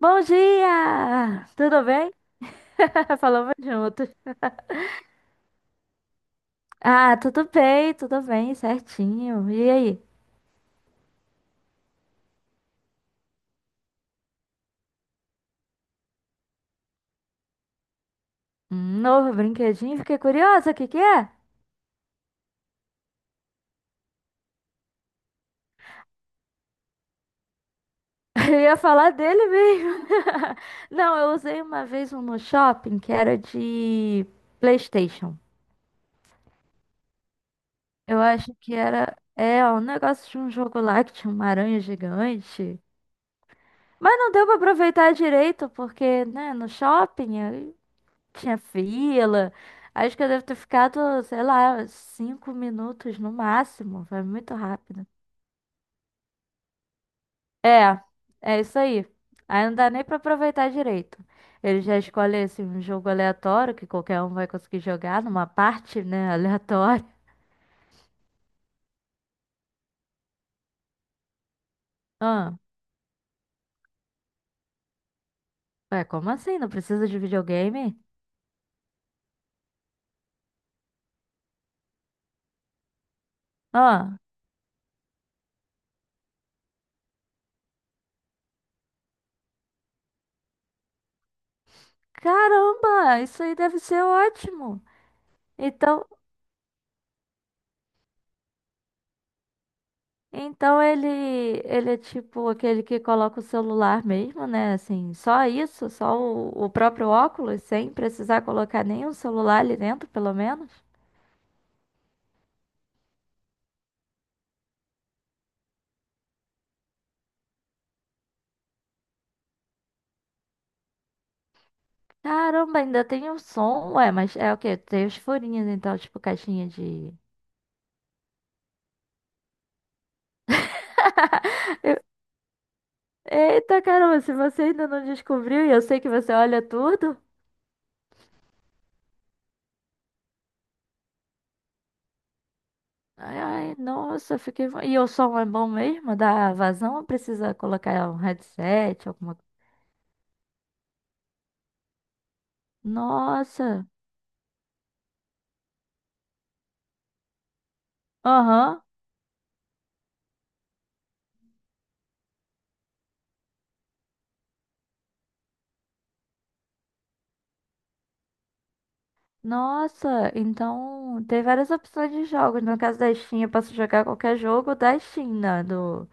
Bom dia! Tudo bem? Falamos juntos. Ah, tudo bem, certinho. E aí? Um novo brinquedinho? Fiquei curiosa, o que que é? Eu ia falar dele mesmo. Não, eu usei uma vez um no shopping que era de PlayStation. Eu acho que era, é, um negócio de um jogo lá que tinha uma aranha gigante. Mas não deu pra aproveitar direito, porque, né, no shopping, tinha fila. Acho que eu devo ter ficado, sei lá, 5 minutos no máximo. Foi muito rápido. É, é isso aí. Aí não dá nem pra aproveitar direito. Ele já escolhe assim, um jogo aleatório que qualquer um vai conseguir jogar numa parte, né, aleatória. Ah, ué, como assim? Não precisa de videogame? Ah, caramba, isso aí deve ser ótimo. Então, Então ele, ele é tipo aquele que coloca o celular mesmo, né? Assim, só isso, só o próprio óculos, sem precisar colocar nenhum celular ali dentro, pelo menos. Caramba, ainda tem o som. Ué, mas é o quê? Tem os furinhos, então, tipo caixinha de. Eu- Eita, caramba, se você ainda não descobriu, e eu sei que você olha tudo. Ai, ai, nossa, fiquei. E o som é bom mesmo? Dá vazão ou precisa colocar um headset, alguma coisa? Nossa, aham. Nossa, então tem várias opções de jogos. No caso da Steam, eu posso jogar qualquer jogo da Steam, né? Do...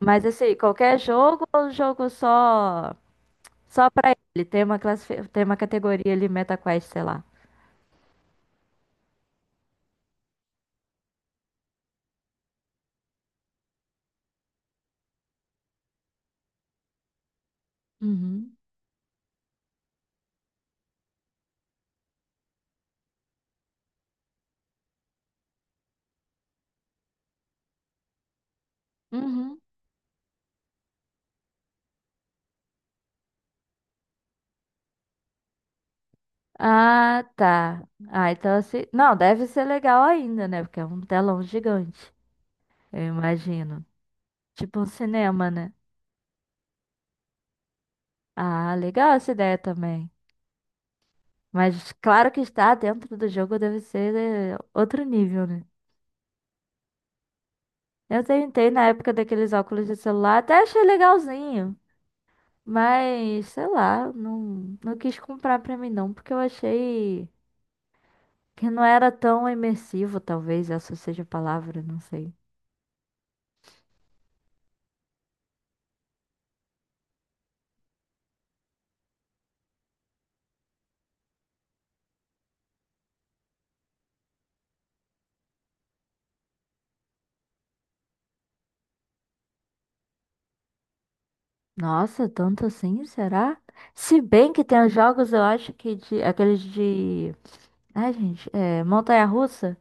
Mas assim, qualquer jogo ou um jogo só pra ele? Tem uma tem uma categoria ali, MetaQuest, sei lá. Uhum. Uhum. Ah, tá. Ah, então assim. Não, deve ser legal ainda, né? Porque é um telão gigante, eu imagino. Tipo um cinema, né? Ah, legal essa ideia também. Mas claro que estar dentro do jogo deve ser outro nível, né? Eu tentei na época daqueles óculos de celular, até achei legalzinho. Mas, sei lá, não, não quis comprar pra mim não, porque eu achei que não era tão imersivo, talvez essa seja a palavra, não sei. Nossa, tanto assim, será? Se bem que tem os jogos, eu acho que de, aqueles de. Ai, gente, é, montanha-russa,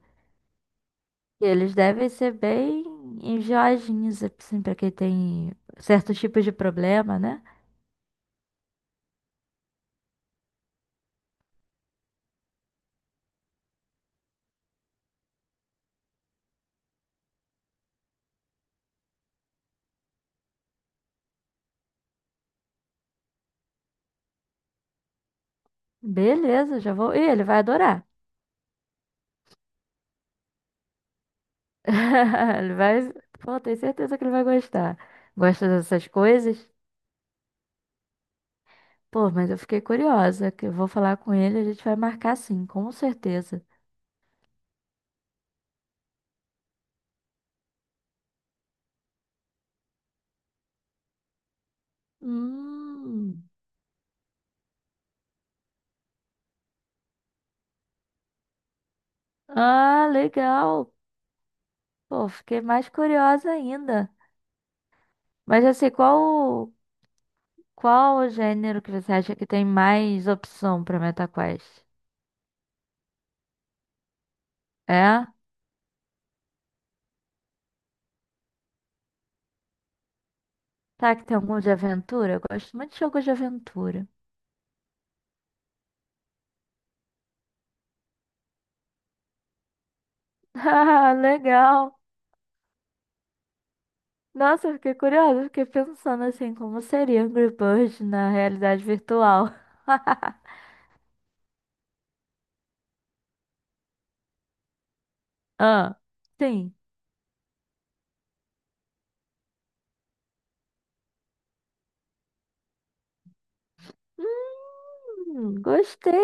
que eles devem ser bem enjoadinhos, assim, pra quem tem certos tipos de problema, né? Beleza, já vou. Ih, ele vai adorar. Ele vai. Pô, tenho certeza que ele vai gostar. Gosta dessas coisas? Pô, mas eu fiquei curiosa, que eu vou falar com ele, a gente vai marcar sim, com certeza. Hum. Ah, legal. Pô, fiquei mais curiosa ainda. Mas assim, qual o gênero que você acha que tem mais opção para MetaQuest? É? Tá, que tem algum de aventura? Eu gosto muito de jogos de aventura. Ah, legal. Nossa, eu fiquei curiosa, eu fiquei pensando assim, como seria Angry Birds na realidade virtual? Ah, sim. Gostei,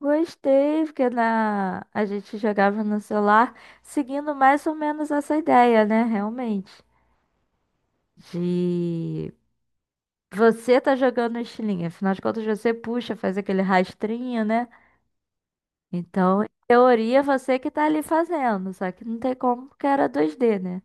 gostei, porque na... a gente jogava no celular seguindo mais ou menos essa ideia, né? Realmente. De você tá jogando estilingue, afinal de contas você puxa, faz aquele rastrinho, né? Então, em teoria, você que tá ali fazendo, só que não tem como porque era 2D, né?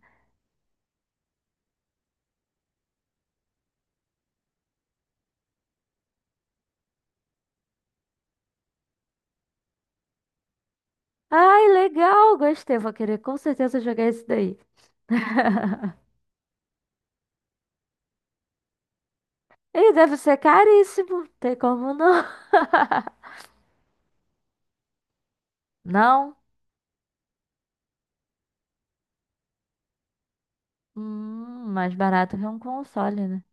Ai, legal, gostei. Vou querer com certeza jogar esse daí. Ele deve ser caríssimo, tem como não? Não? Mais barato que um console, né?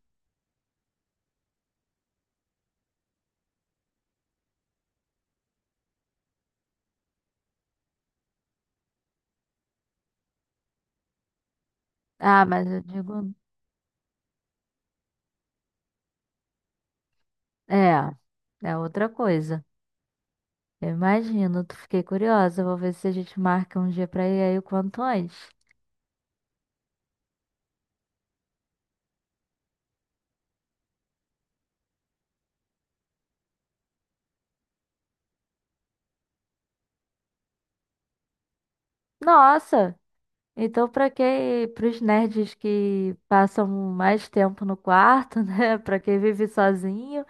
Ah, mas eu digo. É, é outra coisa. Eu imagino, tu fiquei curiosa. Vou ver se a gente marca um dia pra ir aí o quanto antes. Nossa! Então, pra quem, pros nerds que passam mais tempo no quarto, né? Pra quem vive sozinho.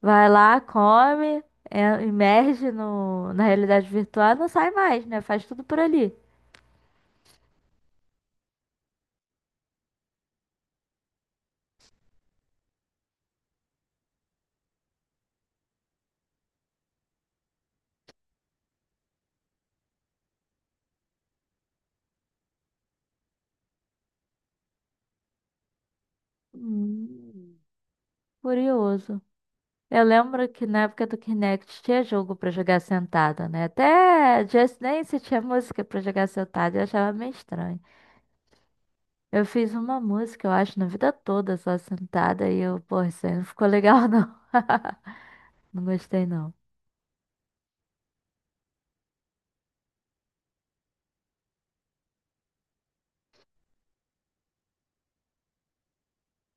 Vai lá, imerge na realidade virtual, não sai mais, né? Faz tudo por ali. Hum. Curioso. Eu lembro que na época do Kinect tinha jogo pra jogar sentada, né? Até Just Dance tinha música pra jogar sentada, eu achava meio estranho. Eu fiz uma música, eu acho, na vida toda só sentada e eu, pô, isso aí não ficou legal não. Não gostei não.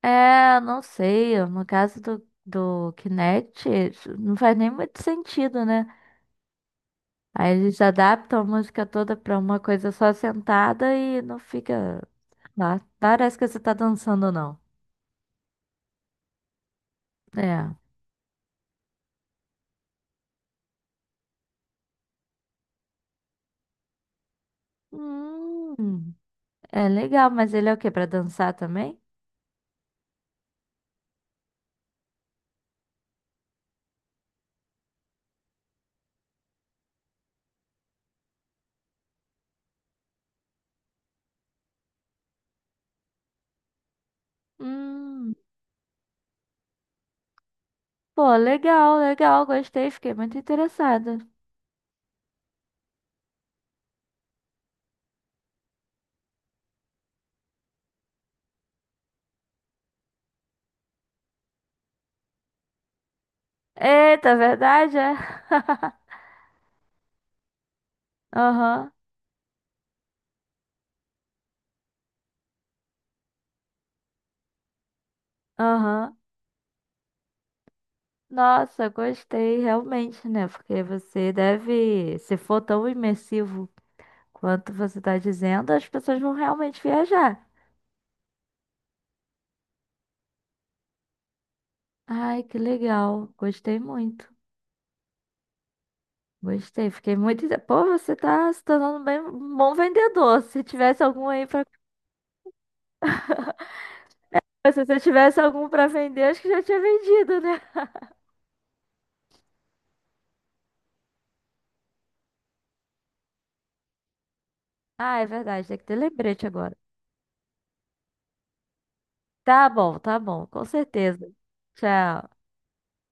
É, não sei, no caso do Kinect, isso não faz nem muito sentido, né? Aí eles adaptam a música toda pra uma coisa só sentada e não fica lá. Parece que você tá dançando, não. É. Hum, é legal, mas ele é o quê? Pra dançar também? Hum, pô, legal, legal, gostei, fiquei muito interessada. Eita, verdade, é? Aham, aham. Nossa, gostei, realmente, né? Porque você deve, se for tão imersivo quanto você tá dizendo, as pessoas vão realmente viajar. Ai, que legal. Gostei muito. Gostei. Fiquei muito. Pô, você tá se tornando bem um bom vendedor. Se tivesse algum aí pra. Se você tivesse algum pra vender, acho que já tinha vendido, né? Ah, é verdade. Tem que ter lembrete agora. Tá bom, tá bom. Com certeza. Tchau.